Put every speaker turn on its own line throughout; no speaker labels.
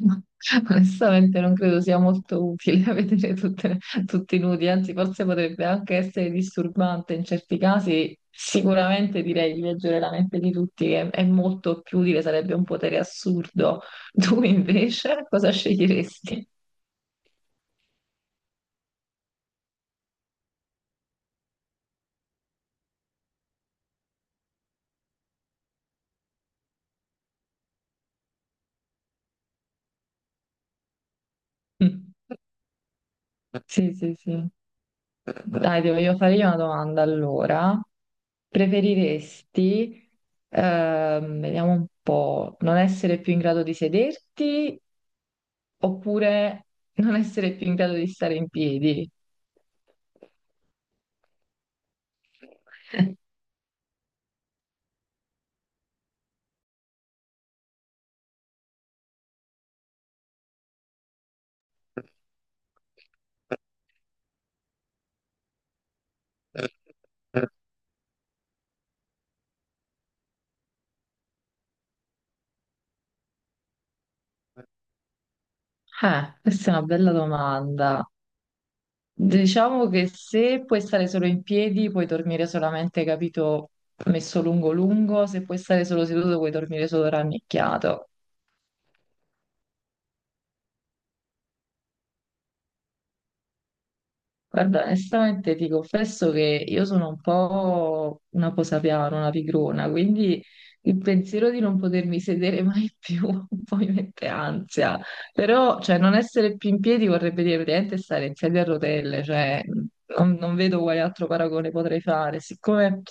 No. Onestamente non credo sia molto utile vedere tutti nudi, anzi forse potrebbe anche essere disturbante in certi casi. Sicuramente direi di leggere la mente di tutti, che è molto più utile, sarebbe un potere assurdo. Tu invece cosa sceglieresti? Sì, sì, sì. Dai, devo io fare io una domanda allora. Preferiresti, vediamo un po', non essere più in grado di sederti oppure non essere più in grado di stare in piedi? Questa è una bella domanda. Diciamo che se puoi stare solo in piedi, puoi dormire solamente, capito, messo lungo lungo, se puoi stare solo seduto, puoi dormire solo rannicchiato. Guarda, onestamente ti confesso che io sono un po' una posapiano, una pigrona, quindi il pensiero di non potermi sedere mai più un po' mi mette ansia. Però, cioè, non essere più in piedi vorrebbe dire praticamente stare in sedia a rotelle, cioè, non vedo quale altro paragone potrei fare. Siccome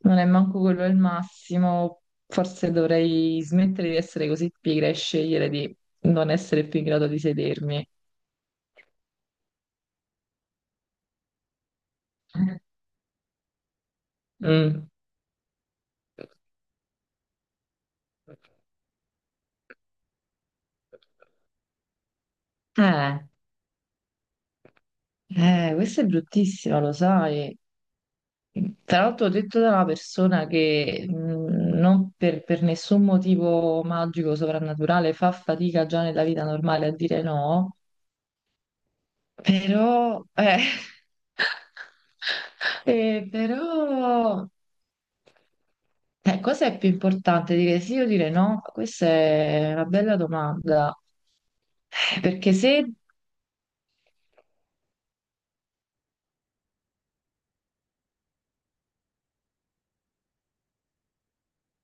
non è manco quello il massimo, forse dovrei smettere di essere così pigra e scegliere di non essere più in grado di sedermi. Mm. Eh. Questa è bruttissima, lo sai. Tra l'altro, detto da una persona che non per nessun motivo magico, soprannaturale, fa fatica già nella vita normale a dire no, però, però, cosa è più importante, dire sì o dire no? Questa è una bella domanda. Perché se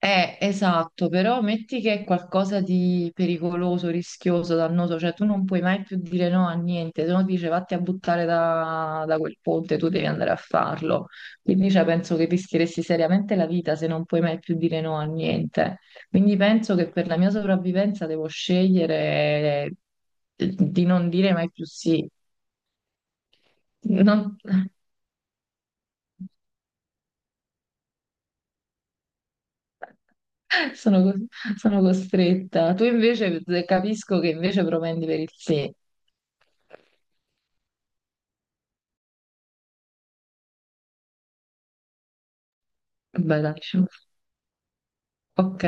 Esatto, però metti che è qualcosa di pericoloso, rischioso, dannoso, cioè tu non puoi mai più dire no a niente, se no ti dice vatti a buttare da quel ponte, tu devi andare a farlo. Quindi cioè, penso che rischieresti seriamente la vita se non puoi mai più dire no a niente. Quindi penso che per la mia sopravvivenza devo scegliere di non dire mai più sì. Non- Sono, sono costretta. Tu invece capisco che invece propendi per il sì. Bellissimo. Ok.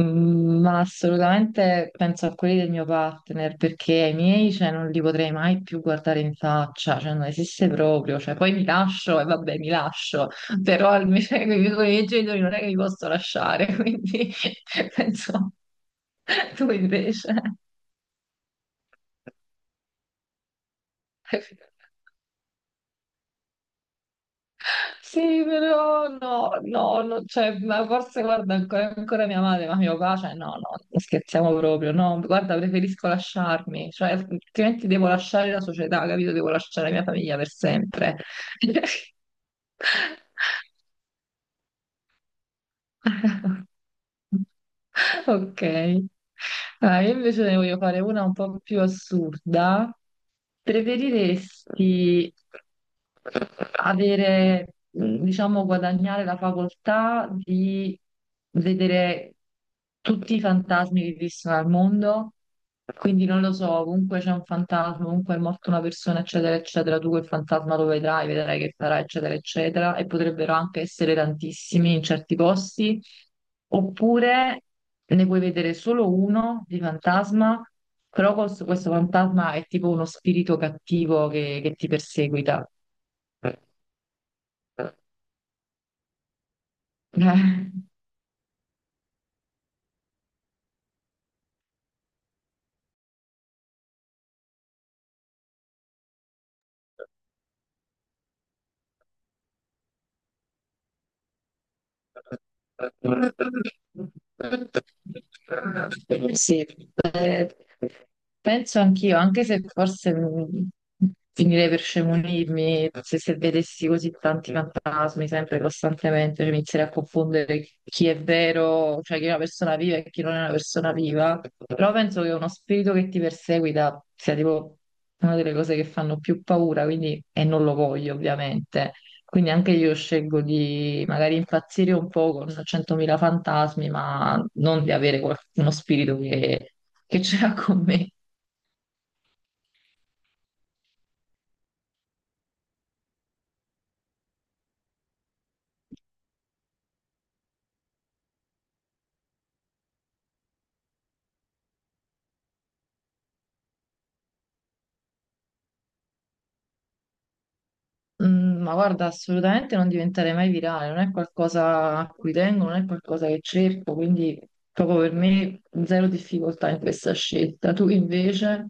Mm, ma assolutamente penso a quelli del mio partner perché ai miei cioè, non li potrei mai più guardare in faccia, cioè non esiste proprio. Cioè, poi mi lascio e vabbè, mi lascio, però almeno con i miei genitori non è che li posso lasciare, quindi penso. Tu invece. Sì, però no, no, no, cioè, ma forse guarda ancora, ancora mia madre, ma mio papà, cioè, no, no, non scherziamo proprio, no, guarda, preferisco lasciarmi, cioè, altrimenti devo lasciare la società, capito? Devo lasciare la mia famiglia per sempre. Ok. Ah, io invece ne voglio fare una un po' più assurda. Preferiresti avere, diciamo, guadagnare la facoltà di vedere tutti i fantasmi che esistono al mondo, quindi non lo so, ovunque c'è un fantasma, ovunque è morta una persona, eccetera, eccetera, tu quel fantasma lo vedrai, vedrai che farà, eccetera, eccetera, e potrebbero anche essere tantissimi in certi posti, oppure ne puoi vedere solo uno di fantasma, però questo fantasma è tipo uno spirito cattivo che ti perseguita. Sì, eh, penso anch'io, anche se forse mm, finirei per scemunirmi se vedessi così tanti fantasmi sempre costantemente, cioè, mi inizierei a confondere chi è vero, cioè chi è una persona viva e chi non è una persona viva. Però penso che uno spirito che ti perseguita sia tipo una delle cose che fanno più paura, quindi, e non lo voglio ovviamente. Quindi anche io scelgo di magari impazzire un po' con 100.000 fantasmi, ma non di avere uno spirito che c'era con me. Mm, ma guarda, assolutamente non diventerei mai virale, non è qualcosa a cui tengo, non è qualcosa che cerco, quindi proprio per me zero difficoltà in questa scelta. Tu invece,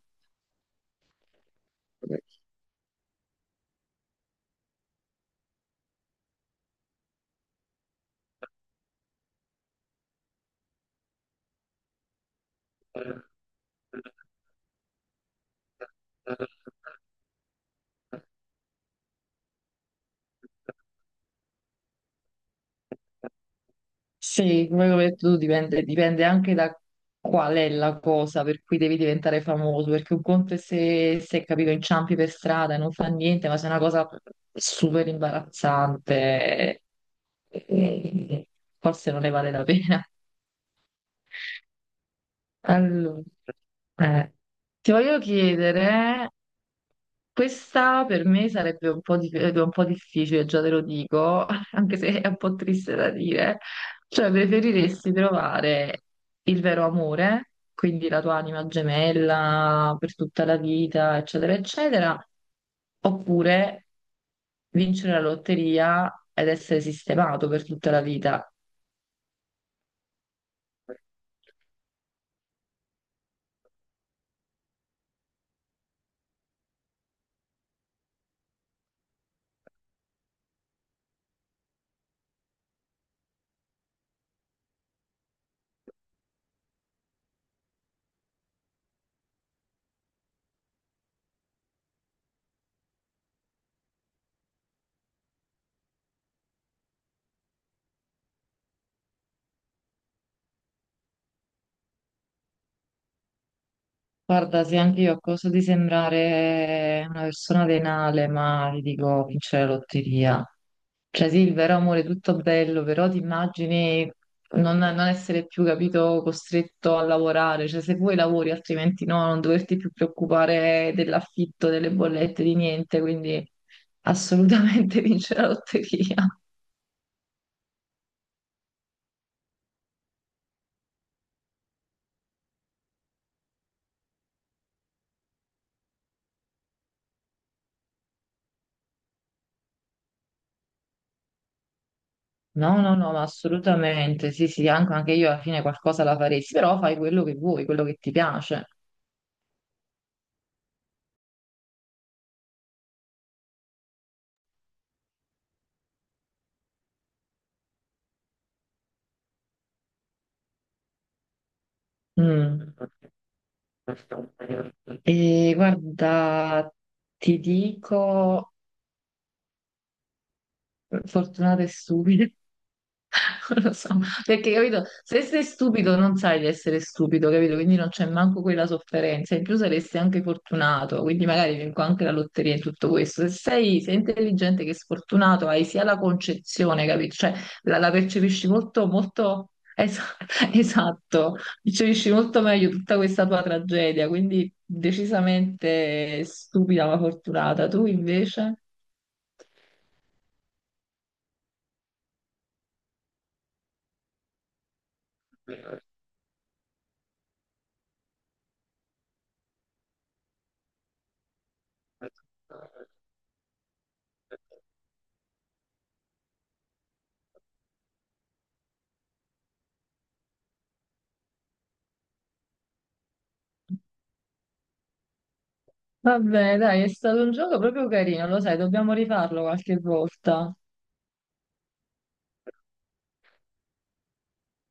sì, come ho detto tu, dipende, dipende anche da qual è la cosa per cui devi diventare famoso, perché un conto è se capito, inciampi per strada e non fa niente, ma se è una cosa super imbarazzante, eh, forse non ne vale la pena. Allora, eh, ti voglio chiedere, questa per me sarebbe un po', un po' difficile, già te lo dico, anche se è un po' triste da dire, cioè preferiresti trovare il vero amore, quindi la tua anima gemella per tutta la vita, eccetera, eccetera, oppure vincere la lotteria ed essere sistemato per tutta la vita? Guarda, sì, anche io a costo di sembrare una persona venale, ma ti dico, vincere la lotteria. Cioè sì, il vero amore è tutto bello, però ti immagini non essere più, capito, costretto a lavorare. Cioè se vuoi lavori, altrimenti no, non doverti più preoccupare dell'affitto, delle bollette, di niente. Quindi assolutamente vincere la lotteria. No, no, no, ma assolutamente. Sì, sì, anche, anche io alla fine qualcosa la faresti, però fai quello che vuoi, quello che ti piace. Mm. E guarda, ti dico, fortunata e stupida, non lo so, perché capito, se sei stupido non sai di essere stupido, capito? Quindi non c'è manco quella sofferenza, in più saresti anche fortunato, quindi magari vinco anche la lotteria e tutto questo. Se sei sia intelligente che sfortunato, hai sia la concezione, capito? Cioè la percepisci esatto, percepisci molto meglio tutta questa tua tragedia, quindi decisamente stupida ma fortunata. Tu invece? Vabbè, dai, è stato un gioco proprio carino, lo sai, dobbiamo rifarlo qualche volta.